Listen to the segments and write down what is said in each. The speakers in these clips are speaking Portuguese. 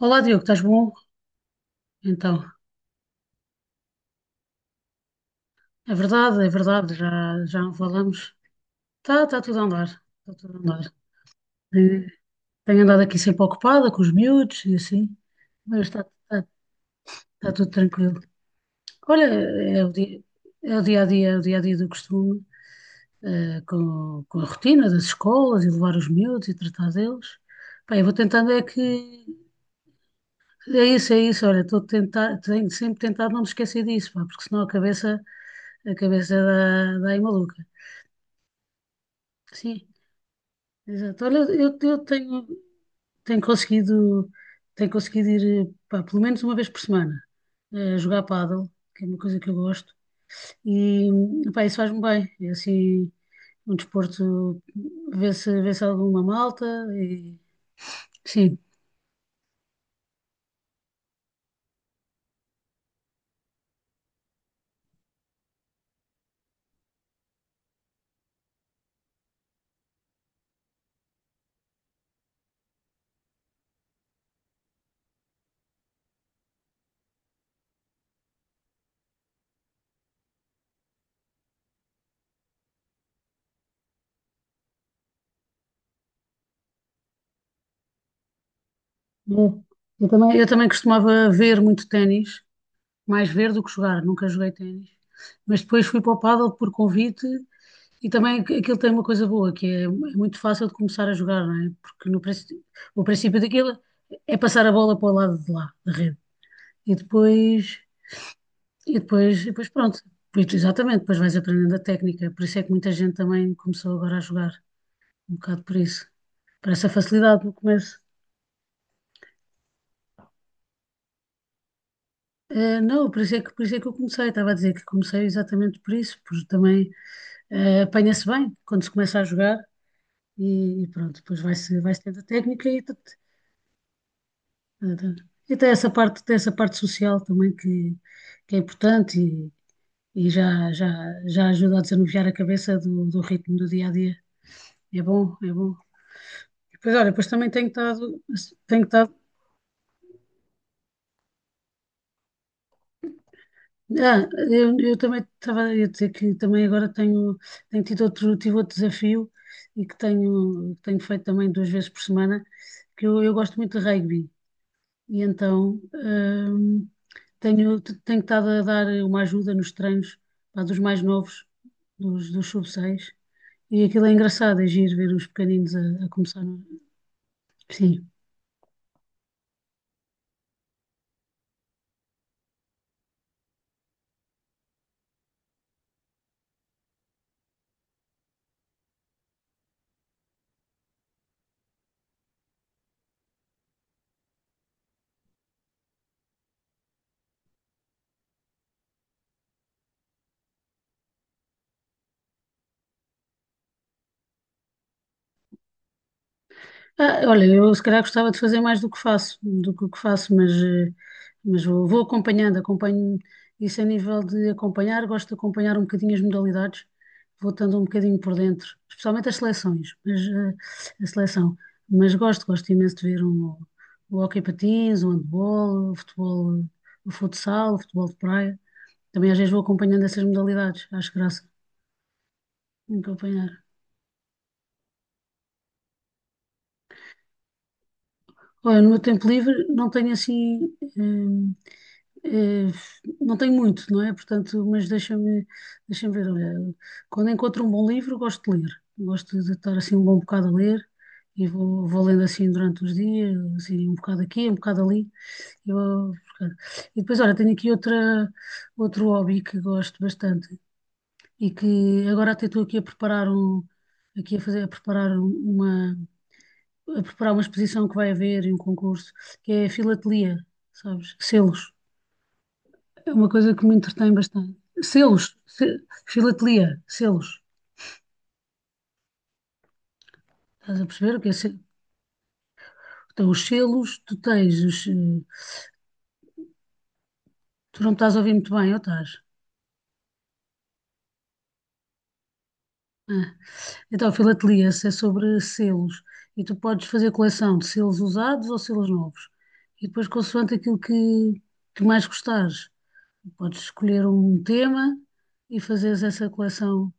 Olá, Diogo, estás bom? Então, é verdade, já não falamos. Tá, está tudo a andar, está tudo a andar. Eh, Tenho andado aqui sempre ocupada com os miúdos e assim, mas tá tudo tranquilo. Olha, é o dia a dia, é o dia a dia do costume, com a rotina das escolas e levar os miúdos e tratar deles. Pá, eu vou tentando é que é isso, olha, estou a tentar, tenho sempre tentado não me esquecer disso, pá, porque senão a cabeça dá aí maluca. Sim. Exato. Olha, eu tenho, tenho conseguido, tenho conseguido ir, pá, pelo menos uma vez por semana, jogar pádel, que é uma coisa que eu gosto, e pá, isso faz-me bem. É assim, um desporto, vê-se alguma malta, e sim. Eu, eu também costumava ver muito ténis, mais ver do que jogar, nunca joguei ténis, mas depois fui para o pádel por convite. E também aquilo tem uma coisa boa, que é, é muito fácil de começar a jogar, não é? Porque no, princ- o princípio daquilo é passar a bola para o lado de lá, da rede. E depois, e depois pronto. Pois, exatamente, depois vais aprendendo a técnica. Por isso é que muita gente também começou agora a jogar, um bocado por isso. Por essa facilidade no começo. Eh, não, por isso é que, por isso é que eu comecei. Estava a dizer que comecei exatamente por isso, porque também apanha-se bem quando se começa a jogar e pronto, depois vai-se tendo a técnica e, portanto, e tem essa parte social também que é importante e já ajuda a desanuviar a cabeça do, do ritmo do dia a dia. É bom, é bom. Depois, olha, depois também tenho estado, tenho estado. Eu também estava a dizer que também tenho tido outro, tive outro desafio e que tenho, tenho feito também duas vezes por semana, que eu gosto muito de rugby. E então tenho estado a dar uma ajuda nos treinos pá, dos mais novos, dos sub-6. E aquilo é engraçado, é giro ver os pequeninos a começar. Sim. Ah, olha, eu se calhar gostava de fazer mais do que faço, do que o que faço, mas, mas vou, vou acompanhando, acompanho isso a nível de acompanhar, gosto de acompanhar um bocadinho as modalidades, vou estando um bocadinho por dentro, especialmente as seleções, mas a seleção, mas gosto, gosto imenso de ver um, o hóquei patins, o handball, o futebol, o futsal, o futebol de praia, também às vezes vou acompanhando essas modalidades, acho graça acompanhar. Olha, no meu tempo livre não tenho assim. eh, Eh, não tenho muito, não é? Portanto, mas deixa-me ver. Olha, quando encontro um bom livro, gosto de ler. Gosto de estar assim um bom bocado a ler e vou, vou lendo assim durante os dias, assim, um bocado aqui, um bocado ali. E, vou- e depois, olha, tenho aqui outra, outro hobby que gosto bastante e que agora até estou aqui a preparar um, aqui a fazer, a preparar um, uma, a preparar uma exposição que vai haver e um concurso, que é a filatelia, sabes? Selos. É uma coisa que me entretém bastante. Selos, se- filatelia, selos. Estás a perceber o que é selo? Então, os selos, tu tens os. Eh, tu não estás a ouvir muito bem, ou estás? Ah. Então, filatelia se é sobre selos. E tu podes fazer coleção de selos usados ou selos novos. E depois, consoante aquilo que mais gostares, podes escolher um tema e fazeres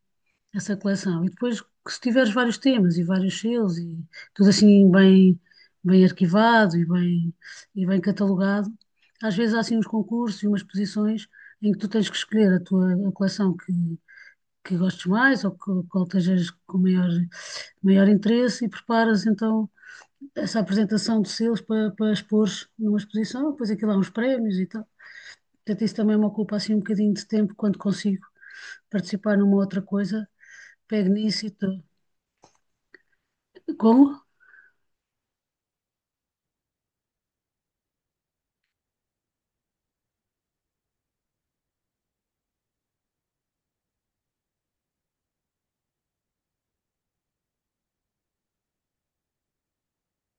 essa coleção. E depois, que se tiveres vários temas e vários selos e tudo assim bem, bem arquivado e bem catalogado, às vezes há assim uns concursos e umas posições em que tu tens que escolher a tua a coleção que gostes mais ou que, qual estejas com maior, maior interesse e preparas então essa apresentação de selos para, para expor numa exposição, depois aquilo há uns prémios e tal. Portanto, isso também me ocupa assim um bocadinho de tempo quando consigo participar numa outra coisa, pego nisso e estou. Como?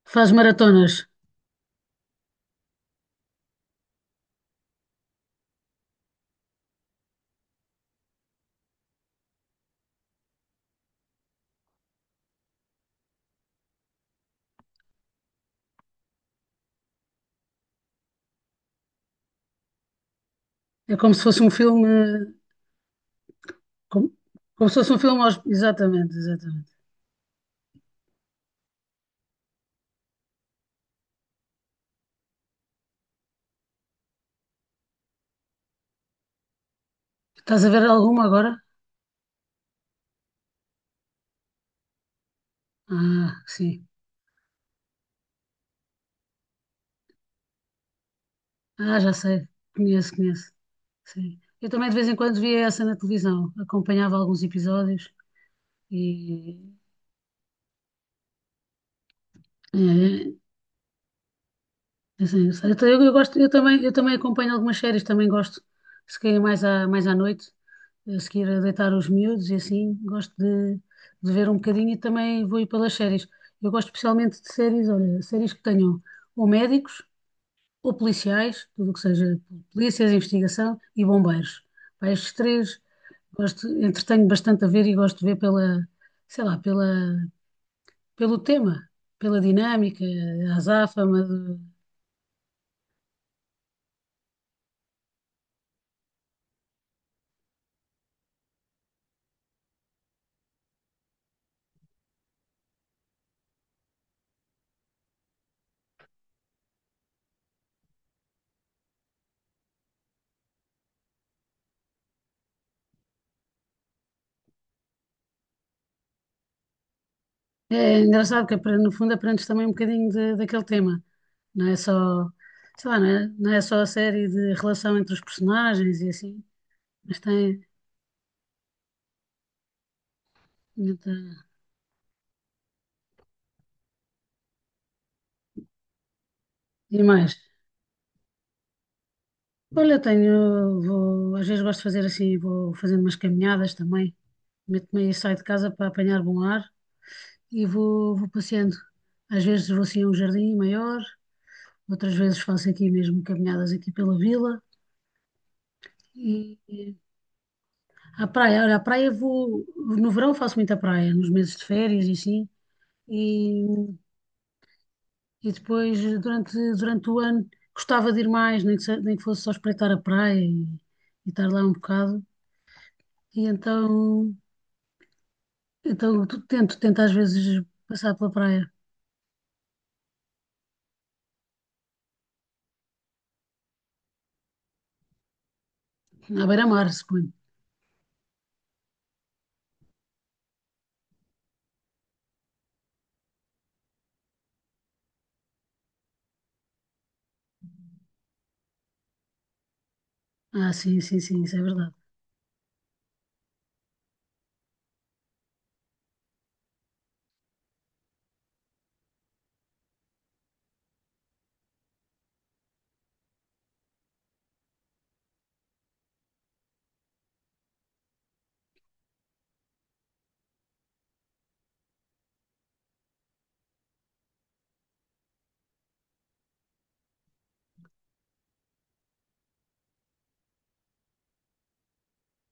Faz maratonas. É como se fosse um filme. Como, como se fosse um filme. Aos- Exatamente, exatamente. Estás a ver alguma agora? Ah, sim. Ah, já sei. Conheço, conheço. Sim. Eu também de vez em quando via essa na televisão. Acompanhava alguns episódios e. eh, Assim, eu, sei. Então, Eu ta- eu gosto, eu também acompanho algumas séries, também gosto, se calhar mais à noite, a seguir a deitar os miúdos e assim, gosto de ver um bocadinho e também vou ir pelas séries. Eu gosto especialmente de séries, olha, séries que tenham ou médicos ou policiais, tudo o que seja polícias, investigação e bombeiros. Pá, estes três gosto, entretenho bastante a ver e gosto de ver pela, sei lá, pela, pelo tema, pela dinâmica, a azáfama. É engraçado que no fundo aprendes também um bocadinho de- daquele tema. Não é só, sei lá, não é, não é só a série de relação entre os personagens e assim, mas tem muita- e mais. Olha, eu tenho, vou, às vezes gosto de fazer assim, vou fazendo umas caminhadas também. Meto-me aí, saio de casa para apanhar bom ar e vou, vou passeando. Às vezes vou assim a um jardim maior, outras vezes faço aqui mesmo caminhadas aqui pela vila. A praia, olha, a praia vou. No verão faço muita praia, nos meses de férias e assim. E, e depois, durante, durante o ano, gostava de ir mais, nem que fosse só espreitar a praia e estar lá um bocado. E então, então tento às vezes passar pela praia, à beira-mar, suponho. Ah, sim, sim, sim, isso é verdade.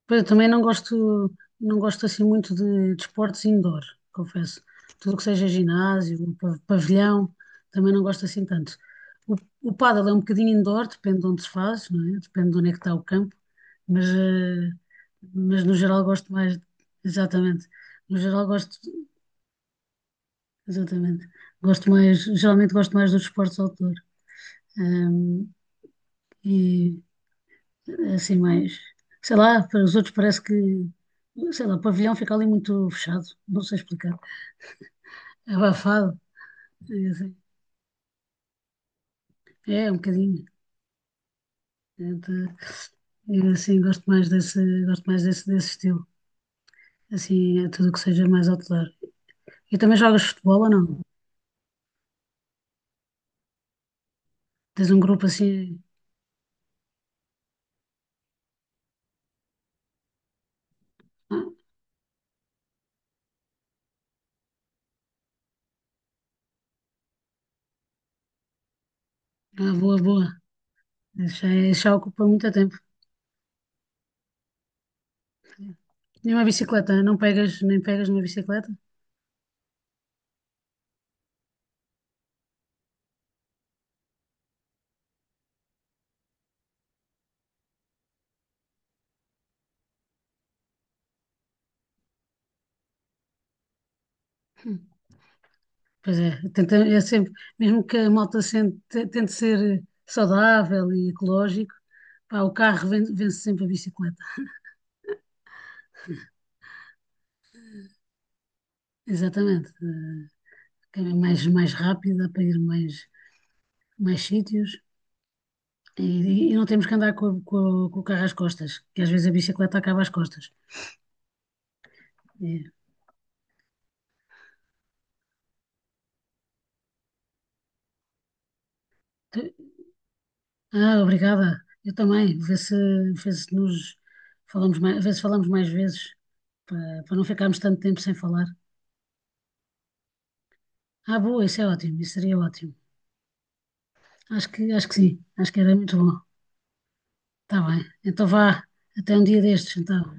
Pois eu também não gosto, não gosto assim muito de desportos indoor, confesso. Tudo o que seja ginásio, pavilhão, também não gosto assim tanto. O, o pádel é um bocadinho indoor, depende de onde se faz, não é? Depende de onde é que está o campo, mas, mas no geral gosto mais, exatamente, no geral gosto, exatamente, gosto mais, geralmente gosto mais dos desportos outdoor. Ahm, É assim mais, para os outros parece que, sei lá, o pavilhão fica ali muito fechado, não sei explicar, é abafado, é, assim, é um bocadinho, então, eu assim gosto mais desse, desse estilo, assim, é tudo que seja mais outdoor. E também jogas futebol ou não? Tens um grupo assim, ah, ah, boa, boa, isso já, isso já ocupa muito tempo. E uma bicicleta, não pegas, nem pegas numa bicicleta? Pois é, tenta, é sempre, mesmo que a malta tente ser saudável e ecológico, pá, o carro vence, sempre a bicicleta. Exatamente. Que é mais, mais rápida para ir mais, mais sítios e, e não temos que andar com, com com o carro às costas, que às vezes a bicicleta acaba às costas. E- tu- ah, obrigada. Eu também. Vê se nos falamos mais, vê se falamos mais vezes para, para não ficarmos tanto tempo sem falar. Ah, boa, isso é ótimo, isso seria ótimo. Acho que sim, acho que era muito bom. Está bem. Então vá, até um dia destes, então.